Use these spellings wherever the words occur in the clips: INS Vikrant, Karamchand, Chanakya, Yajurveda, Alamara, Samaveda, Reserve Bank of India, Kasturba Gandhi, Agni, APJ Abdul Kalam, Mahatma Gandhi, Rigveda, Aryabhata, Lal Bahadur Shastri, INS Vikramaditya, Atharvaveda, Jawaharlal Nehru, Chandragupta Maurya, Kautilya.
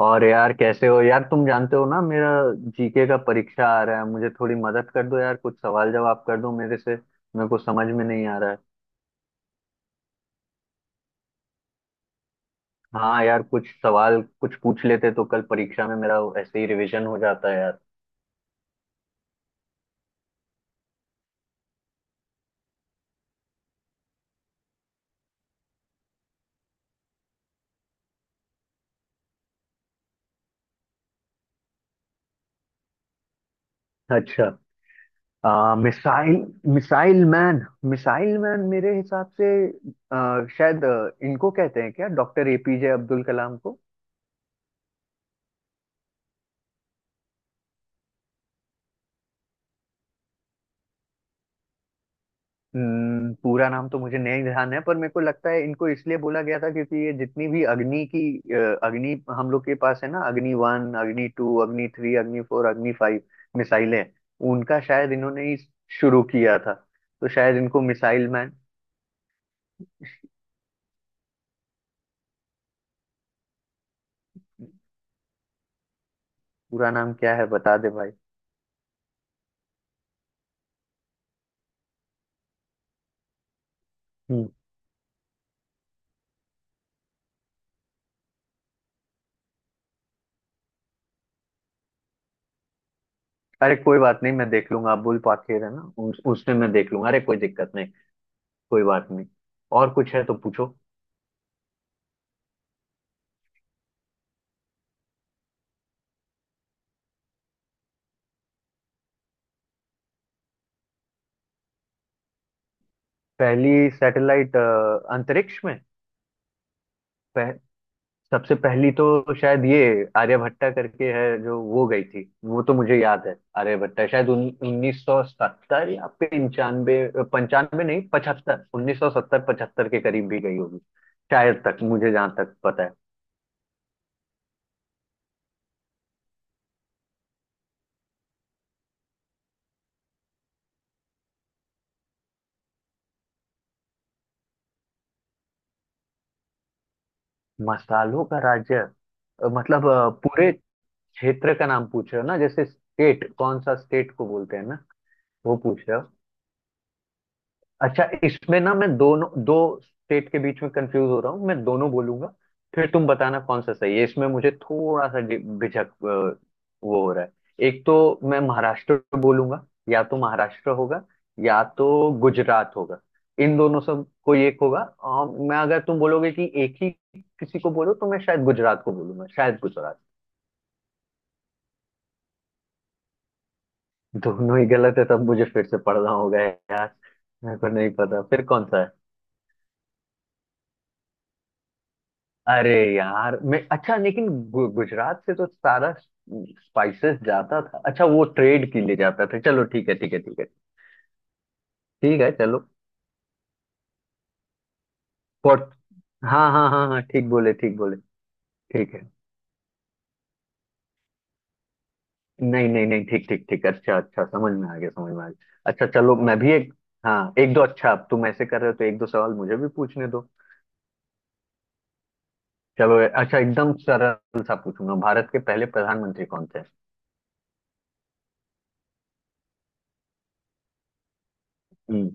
और यार कैसे हो यार, तुम जानते हो ना। मेरा जीके का परीक्षा आ रहा है, मुझे थोड़ी मदद कर दो यार। कुछ सवाल जवाब कर दो मेरे से, मेरे को समझ में नहीं आ रहा है। हाँ यार, कुछ सवाल कुछ पूछ लेते तो कल परीक्षा में मेरा ऐसे ही रिवीजन हो जाता है यार। अच्छा। Missile missile man. Missile man मेरे हिसाब से शायद इनको कहते हैं क्या? डॉक्टर एपीजे अब्दुल कलाम को। पूरा नाम तो मुझे नहीं ध्यान है, पर मेरे को लगता है इनको इसलिए बोला गया था क्योंकि ये जितनी भी अग्नि की अग्नि हम लोग के पास है ना, अग्नि 1, अग्नि 2, अग्नि 3, अग्नि 4, अग्नि 5 मिसाइलें, उनका शायद इन्होंने ही शुरू किया था। तो शायद इनको मिसाइल मैन। पूरा नाम क्या है बता दे भाई। हम्म। अरे कोई बात नहीं, मैं देख लूंगा। अबुल पाखिर है ना, उसमें मैं देख लूंगा। अरे कोई दिक्कत नहीं, कोई बात नहीं। और कुछ है तो पूछो। पहली सैटेलाइट अंतरिक्ष में। पह, सबसे पहली तो शायद ये आर्यभट्टा करके है जो वो गई थी, वो तो मुझे याद है। आर्यभट्टा शायद 1970 या 95, पंचानवे नहीं, 75, 1970 75 के करीब भी गई होगी शायद, तक मुझे जहां तक पता है। मसालों का राज्य, मतलब पूरे क्षेत्र का नाम पूछ रहे हो ना, जैसे स्टेट? कौन सा स्टेट को बोलते हैं ना, वो पूछ रहे हो? अच्छा, इसमें ना मैं दोनों दो स्टेट के बीच में कंफ्यूज हो रहा हूँ, मैं दोनों बोलूंगा। फिर तुम बताना कौन सा सही है। इसमें मुझे थोड़ा सा झिझक वो हो रहा है। एक तो मैं महाराष्ट्र बोलूंगा, या तो महाराष्ट्र होगा या तो गुजरात होगा। इन दोनों से कोई एक होगा, और मैं अगर तुम बोलोगे कि एक ही किसी को बोलो तो मैं शायद गुजरात को बोलूंगा, शायद गुजरात। दोनों ही गलत है तब मुझे फिर से पढ़ना होगा यार। मेरे को नहीं पता फिर कौन सा है। अरे यार, मैं अच्छा, लेकिन गुजरात से तो सारा स्पाइसेस जाता था। अच्छा, वो ट्रेड के लिए जाता था, चलो ठीक है ठीक है ठीक है। ठीक है चलो। फॉर। हाँ हाँ हाँ हाँ, ठीक बोले ठीक बोले। ठीक है। नहीं नहीं नहीं ठीक ठीक ठीक, अच्छा अच्छा, समझ में आ गया समझ में आ गया। अच्छा चलो, मैं भी एक, हाँ एक दो, अच्छा अब तुम ऐसे कर रहे हो तो एक दो सवाल मुझे भी पूछने दो। चलो अच्छा, एकदम सरल सा पूछूंगा। भारत के पहले प्रधानमंत्री कौन थे? हम्म।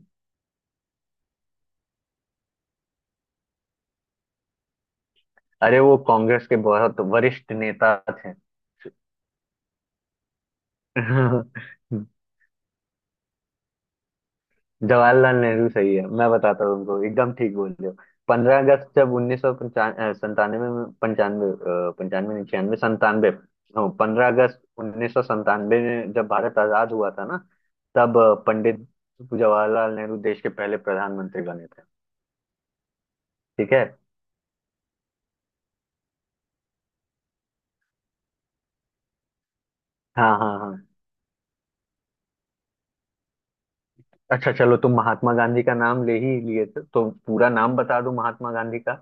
अरे वो कांग्रेस के बहुत वरिष्ठ नेता थे। हाँ। जवाहरलाल नेहरू सही है, मैं बताता हूँ तुमको, एकदम ठीक बोल रहे हो। 15 अगस्त जब 1997 में, 95, 95 नहीं, 96, 97। 15 अगस्त 1997 में जब भारत आजाद हुआ था ना, तब पंडित जवाहरलाल नेहरू देश के पहले प्रधानमंत्री बने थे। ठीक है। हाँ हाँ हाँ। अच्छा चलो, तुम महात्मा गांधी का नाम ले ही लिए थे तो पूरा नाम बता दो महात्मा गांधी का।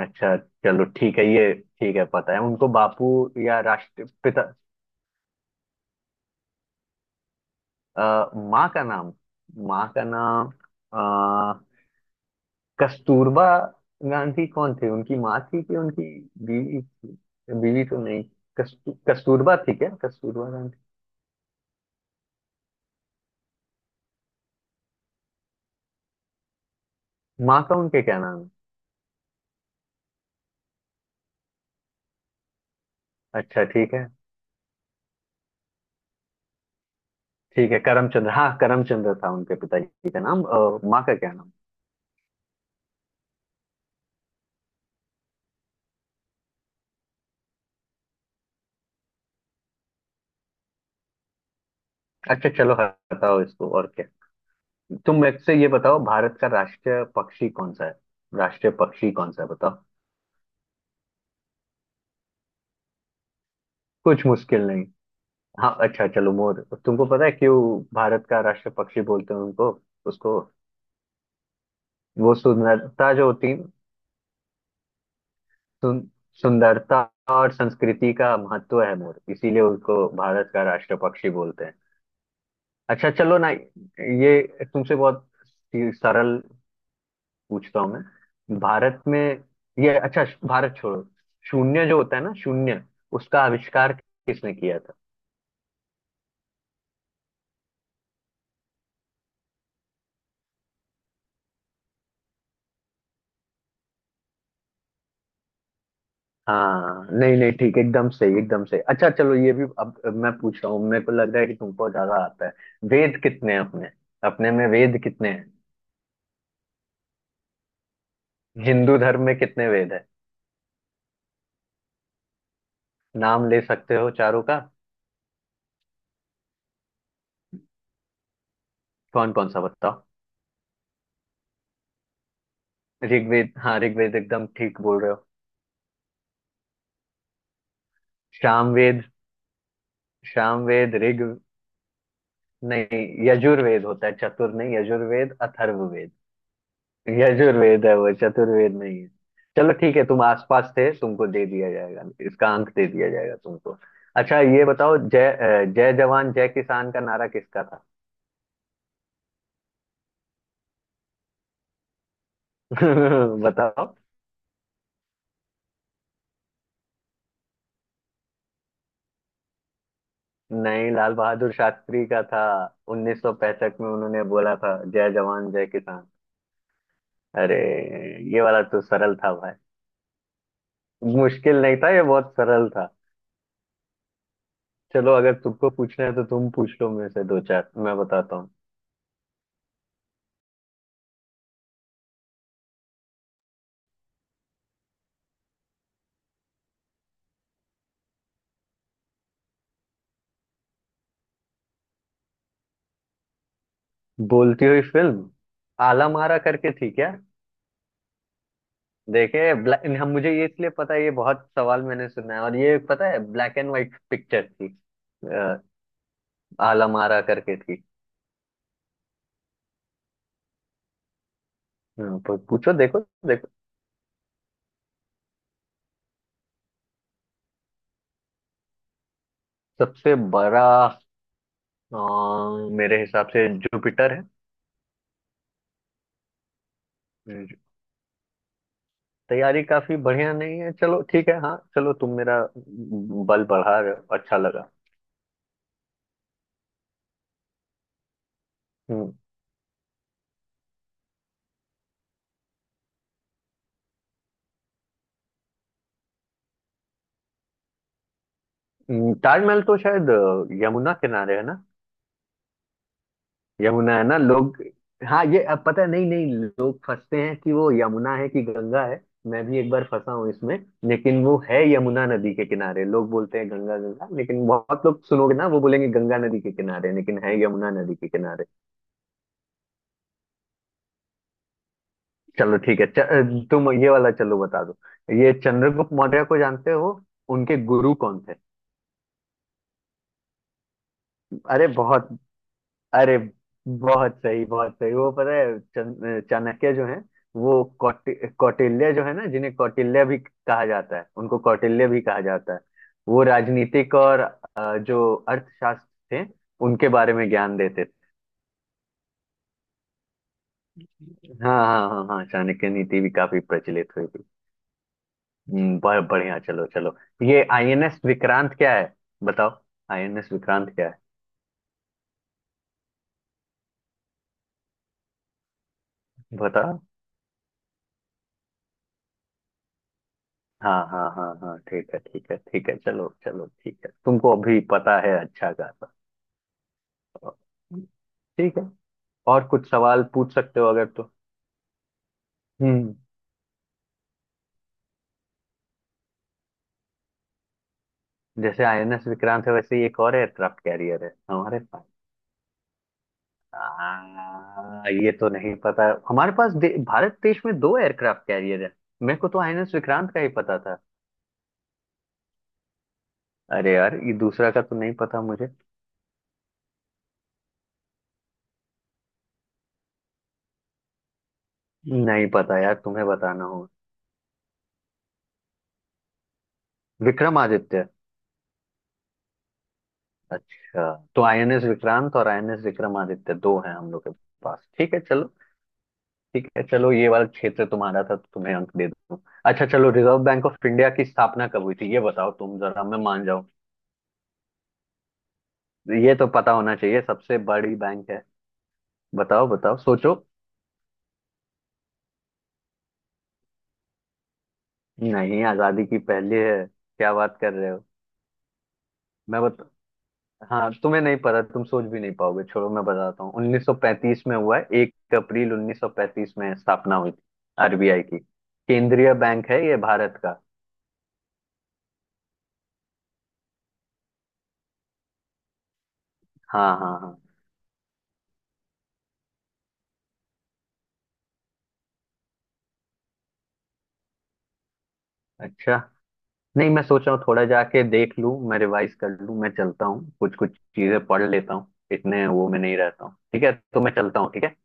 अच्छा चलो, ठीक है ये, ठीक है। पता है उनको बापू या राष्ट्रपिता। अ, माँ का नाम? माँ का नाम? अ, कस्तूरबा गांधी कौन थे? उनकी माँ थी कि उनकी बीवी थी? बीवी तो नहीं, कस्तूरबा थी क्या, कस्तूरबा गांधी? माँ का उनके क्या नाम है? अच्छा ठीक है। ठीक है, करमचंद्र, हाँ करमचंद्र था उनके पिताजी का नाम। माँ का क्या नाम? अच्छा चलो हटाओ इसको। और क्या, तुम मुझसे ये बताओ, भारत का राष्ट्रीय पक्षी कौन सा है? राष्ट्रीय पक्षी कौन सा है, बताओ। कुछ मुश्किल नहीं। हाँ अच्छा चलो, मोर। तुमको पता है क्यों भारत का राष्ट्र पक्षी बोलते हैं उनको, उसको? वो सुंदरता जो होती, सुन, सुंदरता और संस्कृति का महत्व है मोर, इसीलिए उसको भारत का राष्ट्र पक्षी बोलते हैं। अच्छा चलो ना, ये तुमसे बहुत सरल पूछता हूँ मैं, भारत में, ये अच्छा भारत छोड़ो। शून्य जो होता है ना, शून्य, उसका आविष्कार किसने किया था? हाँ नहीं नहीं ठीक, एकदम सही एकदम सही। अच्छा चलो ये भी। अब मैं पूछ रहा हूँ, मेरे को लग रहा है कि तुमको ज्यादा आता है। वेद कितने हैं अपने? अपने में वेद कितने हैं? हिंदू धर्म में कितने वेद है? नाम ले सकते हो चारों का? कौन कौन सा बताओ। ऋग्वेद, हाँ ऋग्वेद, एकदम ठीक बोल रहे हो। सामवेद। सामवेद, ऋग, नहीं यजुर्वेद होता है, चतुर नहीं, यजुर्वेद, अथर्ववेद। यजुर्वेद है वो, चतुर्वेद नहीं है। चलो ठीक है, तुम आसपास थे, तुमको दे दिया जाएगा इसका अंक, दे दिया जाएगा तुमको। अच्छा ये बताओ, जय जय जवान जय किसान का नारा किसका था? बताओ। नहीं, लाल बहादुर शास्त्री का था। 1965 में उन्होंने बोला था जय जवान जय किसान। अरे, ये वाला तो सरल था भाई, मुश्किल नहीं था, ये बहुत सरल था। चलो अगर तुमको पूछना है तो तुम पूछ लो, मेरे से दो चार मैं बताता हूँ। बोलती हुई फिल्म, आला मारा करके थी क्या? देखे ब्लैक, हम, मुझे ये इसलिए पता है, ये बहुत सवाल मैंने सुना है, और ये पता है ब्लैक एंड व्हाइट पिक्चर थी। अ, आलमारा करके थी। हाँ, पूछो देखो, देखो। सबसे बड़ा, अ, मेरे हिसाब से जुपिटर है। जु- तैयारी काफी बढ़िया नहीं है, चलो ठीक है। हाँ चलो, तुम मेरा बल बढ़ा रहे हो, अच्छा लगा। हम्म, ताजमहल तो शायद यमुना किनारे है ना। यमुना है ना लोग। हाँ ये अब पता है। नहीं नहीं, लोग फंसते हैं कि वो यमुना है कि गंगा है। मैं भी एक बार फंसा हूँ इसमें, लेकिन वो है यमुना नदी के किनारे। लोग बोलते हैं गंगा गंगा, लेकिन बहुत लोग सुनोगे ना, वो बोलेंगे गंगा नदी के किनारे, लेकिन है यमुना नदी के किनारे। चलो ठीक है। तुम ये वाला चलो बता दो, ये चंद्रगुप्त मौर्य को जानते हो, उनके गुरु कौन थे? अरे बहुत। अरे बहुत सही, बहुत सही। वो पता है, चाणक्य जो है, वो कौटिल्य जो है ना, जिन्हें कौटिल्य भी कहा जाता है, उनको कौटिल्य भी कहा जाता है। वो राजनीतिक और जो अर्थशास्त्र थे, उनके बारे में ज्ञान देते थे। हाँ हाँ हाँ हाँ, चाणक्य नीति भी काफी प्रचलित हुई थी। बढ़िया चलो चलो। ये आईएनएस विक्रांत क्या है, बताओ? आईएनएस विक्रांत क्या है बताओ? हाँ हाँ हाँ हाँ, ठीक है ठीक है ठीक है, चलो चलो ठीक है, तुमको अभी पता है अच्छा खासा। ठीक है। और कुछ सवाल पूछ सकते हो अगर तो। हम्म। जैसे आईएनएस विक्रांत है वैसे ही एक और एयरक्राफ्ट कैरियर है हमारे पास। ये तो नहीं पता। हमारे पास, भारत देश में दो एयरक्राफ्ट कैरियर है। मेरे को तो आईएनएस विक्रांत का ही पता था। अरे यार, ये दूसरा का तो नहीं पता मुझे। नहीं पता यार, तुम्हें बताना होगा। विक्रमादित्य। अच्छा तो आईएनएस विक्रांत और आईएनएस विक्रमादित्य दो हैं हम लोग के पास, ठीक है चलो। ठीक है चलो, ये वाला क्षेत्र तुम्हारा था तो तुम्हें अंक दे दूं। अच्छा चलो, रिजर्व बैंक ऑफ इंडिया की स्थापना कब हुई थी, ये बताओ तुम जरा, मैं मान जाऊं। ये तो पता होना चाहिए, सबसे बड़ी बैंक है। बताओ बताओ सोचो। नहीं, आजादी की पहले है, क्या बात कर रहे हो। मैं बता। हाँ तुम्हें नहीं पता, तुम सोच भी नहीं पाओगे, छोड़ो मैं बताता हूँ। 1935 में हुआ है, एक अप्रैल 1935 में स्थापना हुई थी आरबीआई की। केंद्रीय बैंक है ये भारत का। हाँ हाँ हाँ। अच्छा। नहीं, मैं सोच रहा हूँ थोड़ा जाके देख लूँ, मैं रिवाइज कर लूँ, मैं चलता हूँ, कुछ कुछ चीजें पढ़ लेता हूँ, इतने वो में नहीं रहता हूँ। ठीक है तो मैं चलता हूँ, ठीक है।